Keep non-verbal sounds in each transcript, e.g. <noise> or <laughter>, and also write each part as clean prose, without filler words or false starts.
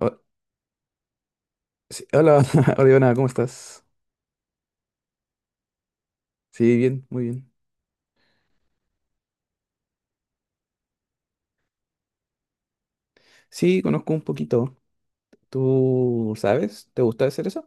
O- sí, hola, <laughs> Oriana, ¿cómo estás? Sí, bien, muy bien. Sí, conozco un poquito. ¿Tú sabes? ¿Te gusta hacer eso?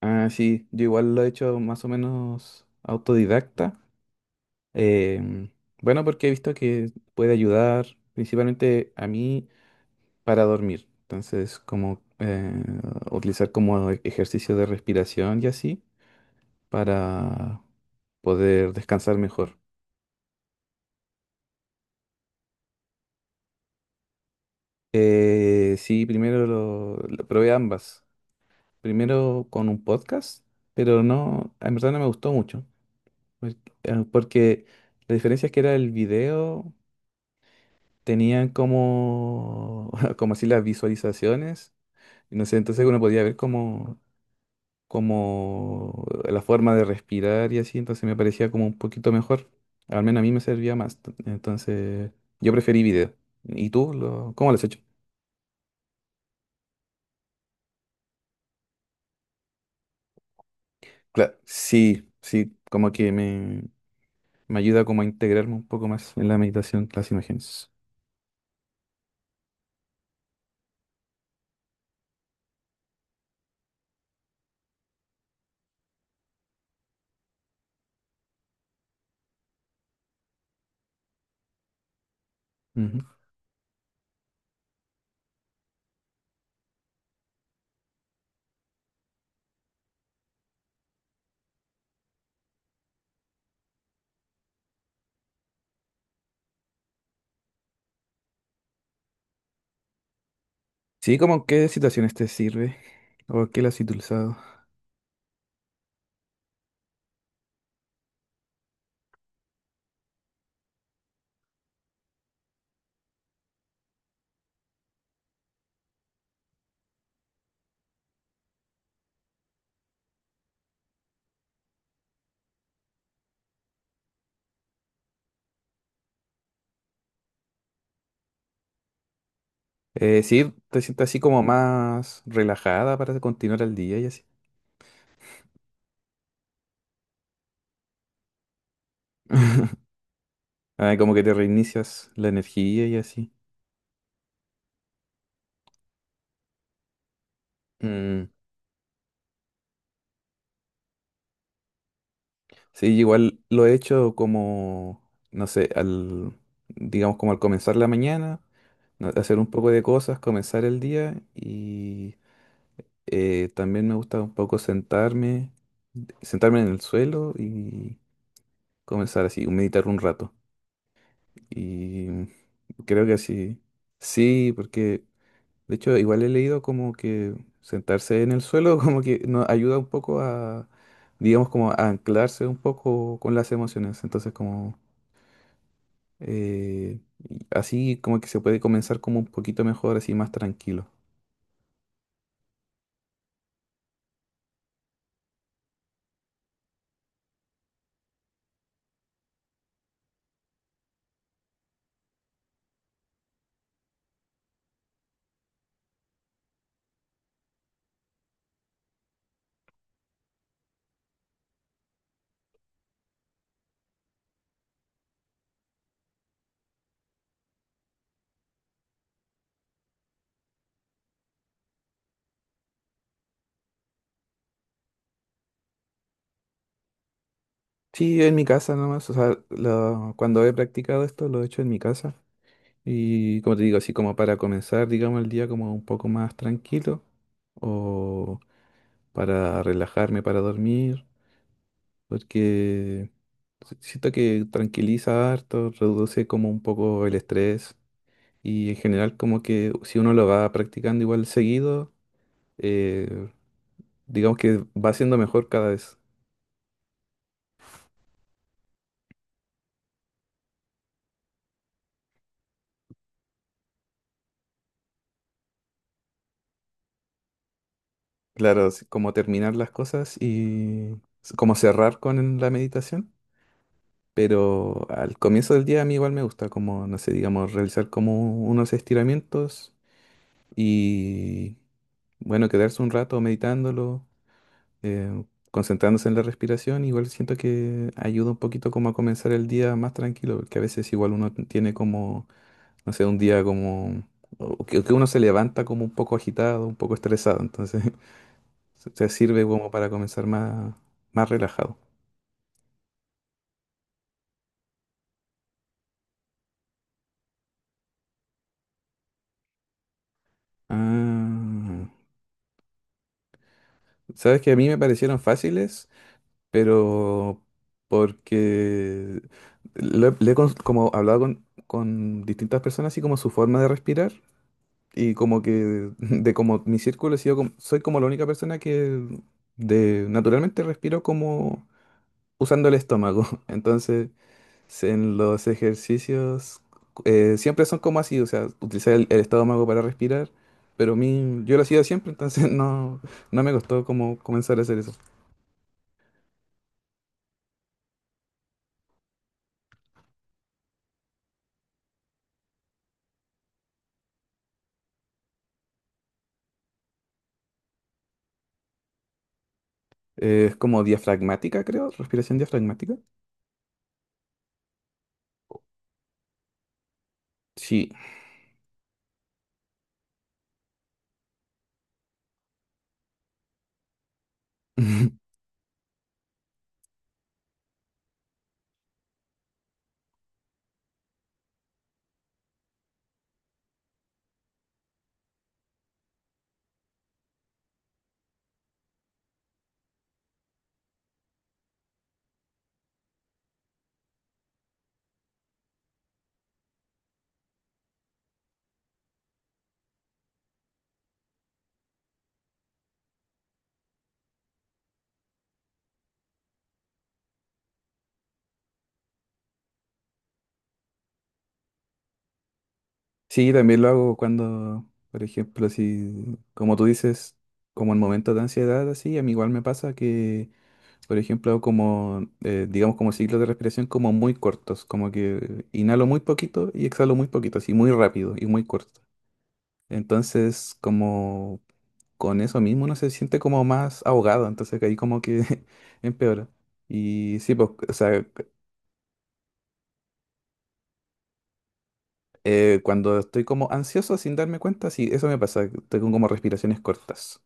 Ah, sí, yo igual lo he hecho más o menos autodidacta. Em, bueno, porque he visto que puede ayudar principalmente a mí para dormir. Entonces, como utilizar como ejercicio de respiración y así para poder descansar mejor. Sí, primero lo probé ambas. Primero con un podcast, pero no, en verdad no me gustó mucho, pues, porque la diferencia es que era el video, tenían como, <laughs> como así las visualizaciones, y no sé, entonces uno podía ver como, como la forma de respirar y así, entonces me parecía como un poquito mejor, al menos a mí me servía más, entonces yo preferí video. ¿Y tú lo, cómo lo has hecho? Claro, sí, sí, como que me... Me ayuda como a integrarme un poco más en la meditación, las imágenes. Ujú. Sí, como en qué situaciones te sirve o qué las has utilizado. Sí, te sientes así como más relajada para continuar el día y así. Ah, como que te reinicias la energía y así. Mm, Sí, igual lo he hecho como, no sé, al, digamos como al comenzar la mañana, hacer un poco de cosas, comenzar el día y también me gusta un poco sentarme, sentarme en el suelo y comenzar así, meditar un rato. Y creo que así, sí, porque de hecho igual he leído como que sentarse en el suelo <laughs> como que nos ayuda un poco a, digamos, como a anclarse un poco con las emociones. Entonces como eh, y así como que se puede comenzar como un poquito mejor, así más tranquilo. Sí, en mi casa nomás, o sea, cuando he practicado esto lo he hecho en mi casa. Y como te digo, así como para comenzar, digamos, el día como un poco más tranquilo o para relajarme, para dormir, porque siento que tranquiliza harto, reduce como un poco el estrés y en general como que si uno lo va practicando igual seguido, eh, digamos que va siendo mejor cada vez. Claro, así como terminar las cosas y como cerrar con la meditación. Pero al comienzo del día a mí igual me gusta como, no sé, digamos, realizar como unos estiramientos y, bueno, quedarse un rato meditándolo, eh, concentrándose en la respiración, igual siento que ayuda un poquito como a comenzar el día más tranquilo, porque a veces igual uno tiene como, no sé, un día como, o que uno se levanta como un poco agitado, un poco estresado, entonces <laughs> se sirve como para comenzar más, más relajado. Ah, ¿sabes que a mí me parecieron fáciles? Pero porque lo he- le he cons- como hablado con distintas personas así como su forma de respirar y como que <laughs> de como mi círculo he sido soy como la única persona que de naturalmente respiro como usando el estómago. <laughs> Entonces, en los ejercicios siempre son como así, o sea, utilizar el estómago para respirar, pero a mí yo lo hacía siempre, entonces <laughs> no me costó como comenzar a hacer eso. Es como diafragmática, creo, respiración diafragmática. Sí. <laughs> Sí, también lo hago cuando, por ejemplo, si, como tú dices, como en momentos de ansiedad, así, a mí igual me pasa que, por ejemplo, hago como, digamos, como ciclos de respiración como muy cortos, como que inhalo muy poquito y exhalo muy poquito, así, muy rápido y muy corto. Entonces, como con eso mismo uno se siente como más ahogado, entonces que ahí como que <laughs> empeora. Y sí, pues, o sea, cuando estoy como ansioso sin darme cuenta, sí, eso me pasa, tengo como respiraciones cortas.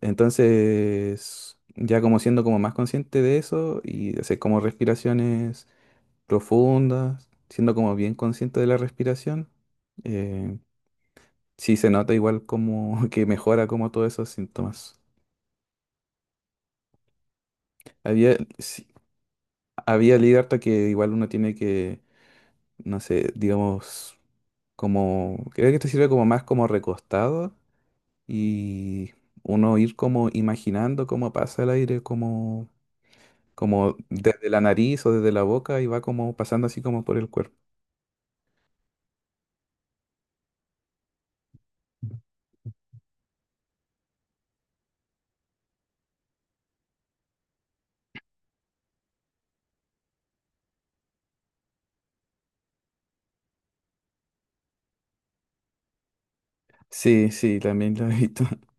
Entonces, ya como siendo como más consciente de eso y hacer como respiraciones profundas, siendo como bien consciente de la respiración, eh, sí se nota igual como <laughs> que mejora como todos esos síntomas. Había, sí, había leído harto que igual uno tiene que, no sé, digamos, como, creo que esto sirve como más como recostado y uno ir como imaginando cómo pasa el aire, como, como desde la nariz o desde la boca y va como pasando así como por el cuerpo. Sí, sí, también lo he visto. <laughs>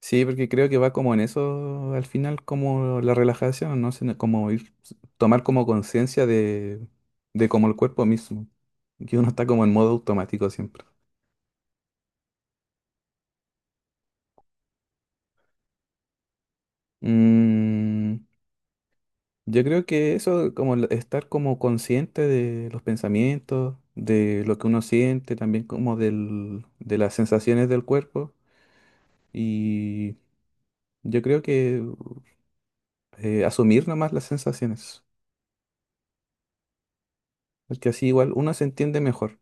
Sí, porque creo que va como en eso al final, como la relajación, ¿no? Sino como ir, tomar como conciencia de como el cuerpo mismo, que uno está como en modo automático siempre. Mm, Yo creo que eso, como el estar como consciente de los pensamientos, de lo que uno siente, también como del, de las sensaciones del cuerpo. Y yo creo que asumir nomás las sensaciones, porque así igual uno se entiende mejor.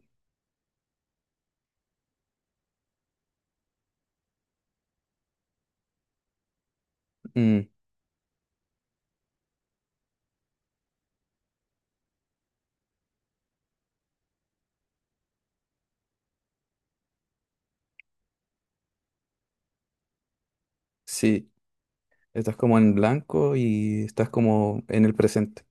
Mm, sí, estás como en blanco y estás como en el presente.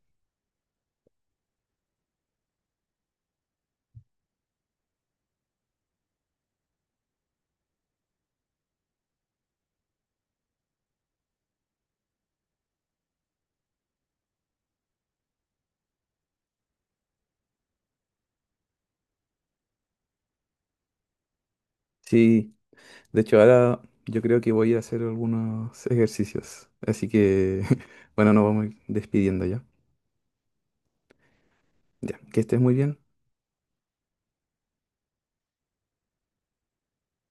Sí, de hecho ahora yo creo que voy a hacer algunos ejercicios. Así que, <laughs> bueno, nos vamos a ir despidiendo ya. Ya, que estés muy bien.